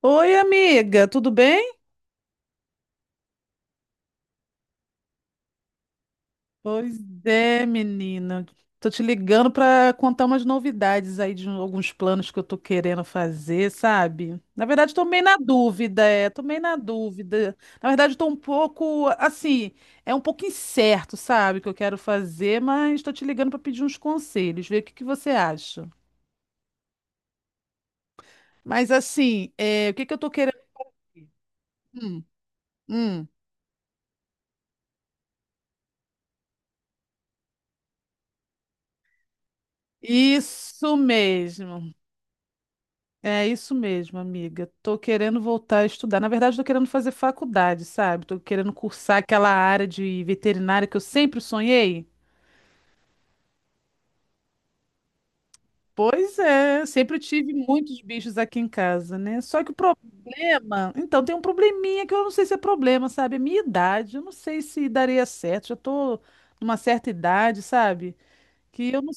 Oi, amiga, tudo bem? Pois é, menina. Tô te ligando pra contar umas novidades aí de alguns planos que eu tô querendo fazer, sabe? Na verdade, tô meio na dúvida, é, tô meio na dúvida. Na verdade, tô um pouco, assim, é um pouco incerto, sabe, o que eu quero fazer, mas tô te ligando pra pedir uns conselhos, ver o que que você acha. Mas assim, é, o que que eu tô querendo? Hum, hum. Isso mesmo. É isso mesmo, amiga. Tô querendo voltar a estudar. Na verdade, tô querendo fazer faculdade, sabe? Tô querendo cursar aquela área de veterinária que eu sempre sonhei. Pois é, sempre eu tive muitos bichos aqui em casa, né? Só que o problema, então tem um probleminha que eu não sei se é problema, sabe? A minha idade, eu não sei se daria certo. Já tô numa certa idade, sabe? Que eu não.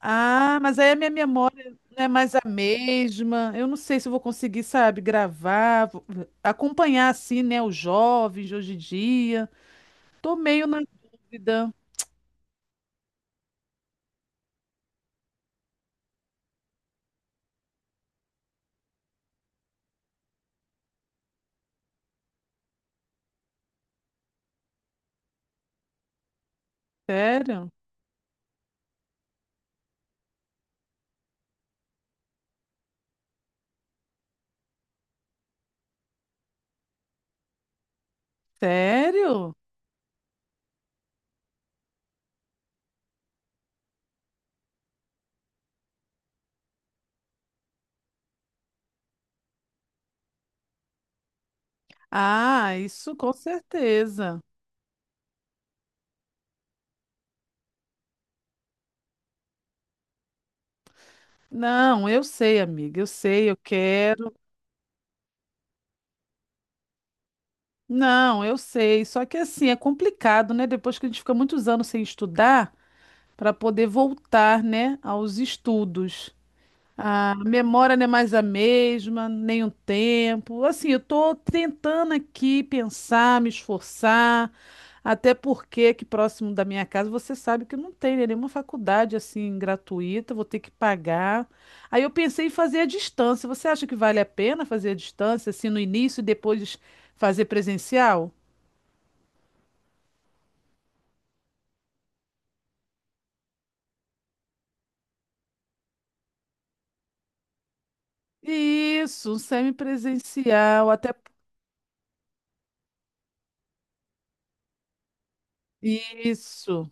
Ah, mas aí a minha memória não é mais a mesma. Eu não sei se eu vou conseguir, sabe, gravar, acompanhar assim, né, os jovens de hoje em dia. Tô meio na dúvida. Sério? Sério? Ah, isso com certeza. Não, eu sei, amiga, eu sei, eu quero. Não, eu sei. Só que assim, é complicado, né? Depois que a gente fica muitos anos sem estudar, para poder voltar, né, aos estudos. A memória não é mais a mesma, nem o tempo. Assim, eu estou tentando aqui pensar, me esforçar, até porque aqui próximo da minha casa você sabe que não tem, né, nenhuma faculdade assim gratuita, vou ter que pagar. Aí eu pensei em fazer a distância. Você acha que vale a pena fazer a distância, assim, no início e depois fazer presencial? Isso, um semipresencial, até isso.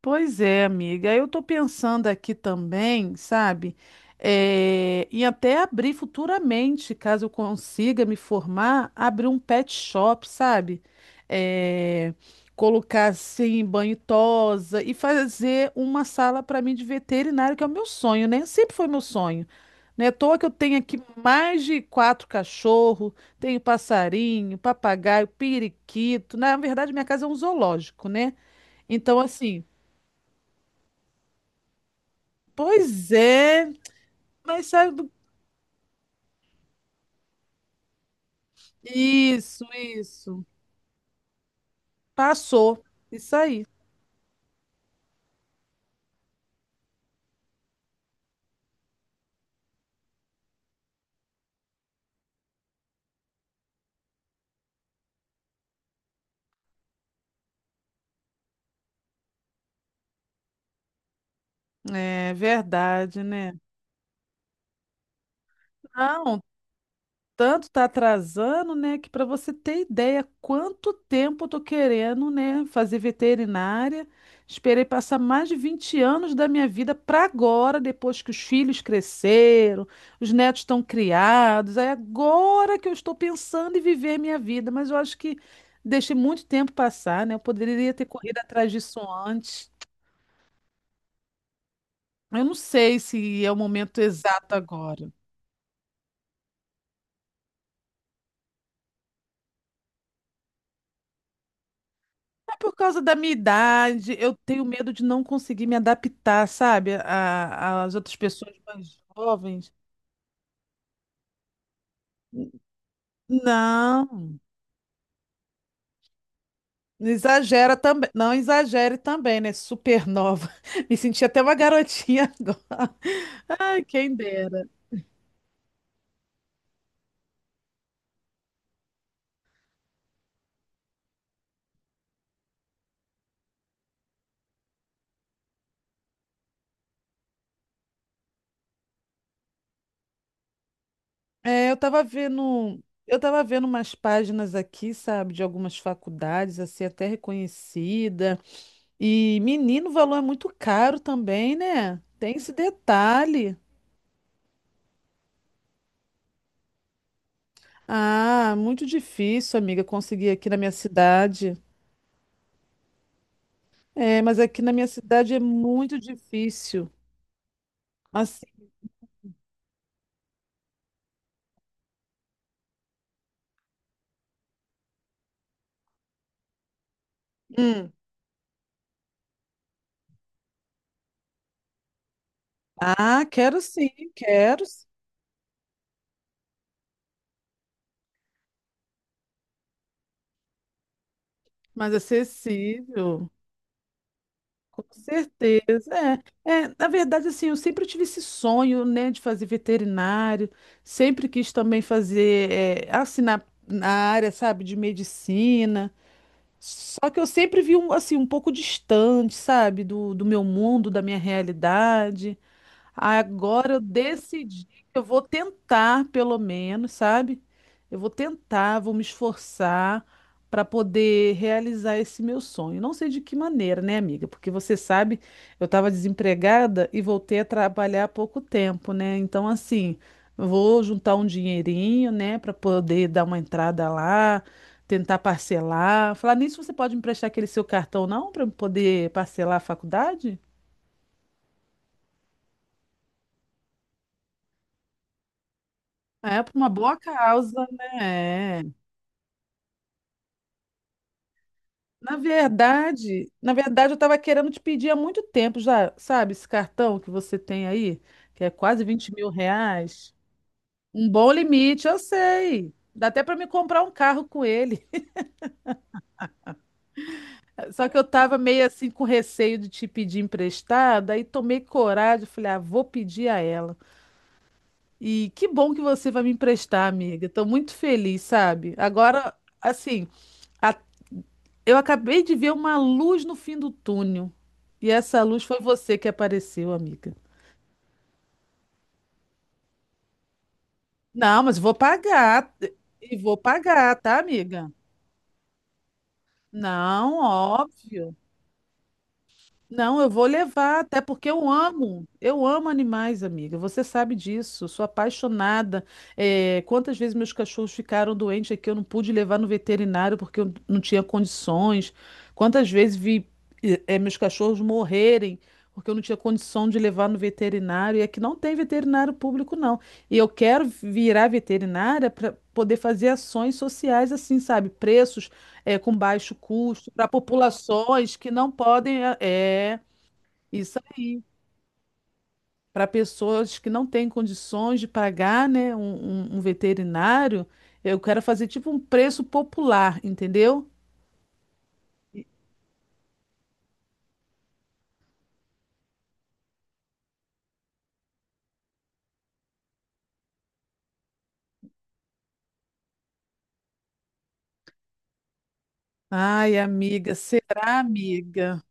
Pois é, amiga. Eu tô pensando aqui também, sabe? É, em até abrir futuramente, caso eu consiga me formar, abrir um pet shop, sabe? É, colocar assim banho e tosa e fazer uma sala para mim de veterinário, que é o meu sonho, né? Sempre foi meu sonho. Não é à toa que eu tenho aqui mais de 4 cachorros, tenho passarinho, papagaio, periquito. Na verdade, minha casa é um zoológico, né? Então, assim. Pois é, mas sabe do... Isso, isso. Passou. Isso aí. É verdade, né? Não, tanto tá atrasando, né, que para você ter ideia quanto tempo eu tô querendo, né, fazer veterinária. Esperei passar mais de 20 anos da minha vida para agora, depois que os filhos cresceram, os netos estão criados. É agora que eu estou pensando em viver minha vida, mas eu acho que deixei muito tempo passar, né? Eu poderia ter corrido atrás disso antes. Eu não sei se é o momento exato agora. É por causa da minha idade, eu tenho medo de não conseguir me adaptar, sabe, às outras pessoas mais jovens. Não, exagera também, não exagere também, né? Supernova. Me senti até uma garotinha agora. Ai, quem dera. É, eu tava vendo umas páginas aqui, sabe, de algumas faculdades, assim, até reconhecida. E menino, o valor é muito caro também, né? Tem esse detalhe. Ah, muito difícil, amiga, conseguir aqui na minha cidade. É, mas aqui na minha cidade é muito difícil. Assim, hum. Ah, quero, sim, mas acessível, com certeza. É, é, na verdade, assim, eu sempre tive esse sonho, né, de fazer veterinário, sempre quis também fazer, é, assim, na área, sabe, de medicina. Só que eu sempre vi, um, assim, um pouco distante, sabe, do meu mundo, da minha realidade. Agora eu decidi que eu vou tentar, pelo menos, sabe? Eu vou tentar, vou me esforçar para poder realizar esse meu sonho. Não sei de que maneira, né, amiga? Porque você sabe, eu estava desempregada e voltei a trabalhar há pouco tempo, né? Então, assim, eu vou juntar um dinheirinho, né, para poder dar uma entrada lá, tentar parcelar. Falar nisso, você pode emprestar aquele seu cartão, não, para eu poder parcelar a faculdade? É, por uma boa causa, né? É. Na verdade, eu estava querendo te pedir há muito tempo já, sabe, esse cartão que você tem aí, que é quase R$ 20.000. Um bom limite, eu sei. Dá até para me comprar um carro com ele. Só que eu estava meio assim com receio de te pedir emprestado, aí tomei coragem, falei, ah, vou pedir a ela. E que bom que você vai me emprestar, amiga. Estou muito feliz, sabe? Agora, assim. A-. Eu acabei de ver uma luz no fim do túnel. E essa luz foi você que apareceu, amiga. Não, mas vou pagar. E vou pagar, tá, amiga? Não, óbvio. Não, eu vou levar, até porque eu amo animais, amiga. Você sabe disso, sou apaixonada. É, quantas vezes meus cachorros ficaram doentes aqui, eu não pude levar no veterinário porque eu não tinha condições. Quantas vezes vi, meus cachorros morrerem porque eu não tinha condição de levar no veterinário. E aqui não tem veterinário público, não. E eu quero virar veterinária para poder fazer ações sociais assim, sabe? Preços é, com baixo custo, para populações que não podem. É, é, isso aí. Para pessoas que não têm condições de pagar, né, um, um veterinário, eu quero fazer tipo um preço popular, entendeu? Ai, amiga, será, amiga?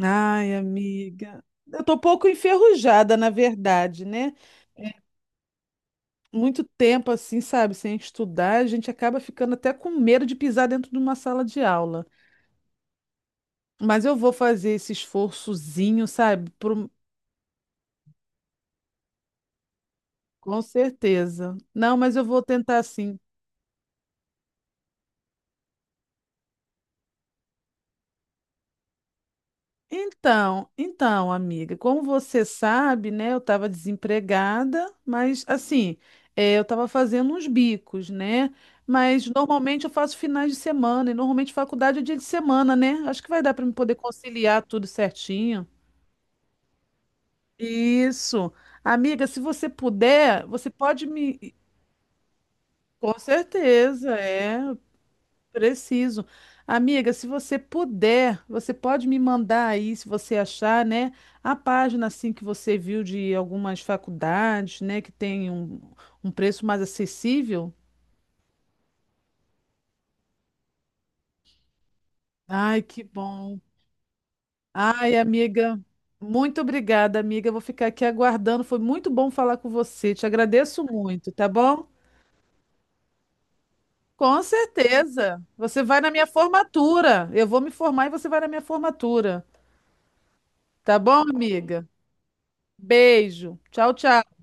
Ai, amiga. Eu tô um pouco enferrujada, na verdade, né? Muito tempo assim, sabe, sem estudar, a gente acaba ficando até com medo de pisar dentro de uma sala de aula. Mas eu vou fazer esse esforçozinho, sabe? Com certeza. Não, mas eu vou tentar sim. Então, amiga, como você sabe, né, eu estava desempregada, mas assim, eu estava fazendo uns bicos, né? Mas normalmente eu faço finais de semana e normalmente faculdade é dia de semana, né? Acho que vai dar para me poder conciliar tudo certinho. Isso. Amiga, se você puder, você pode me. Com certeza, é. Preciso. Amiga, se você puder, você pode me mandar aí, se você achar, né, a página assim que você viu de algumas faculdades, né, que tem um, um preço mais acessível. Ai, que bom. Ai, amiga, muito obrigada, amiga. Eu vou ficar aqui aguardando. Foi muito bom falar com você. Te agradeço muito, tá bom? Com certeza. Você vai na minha formatura. Eu vou me formar e você vai na minha formatura. Tá bom, amiga? Beijo. Tchau, tchau.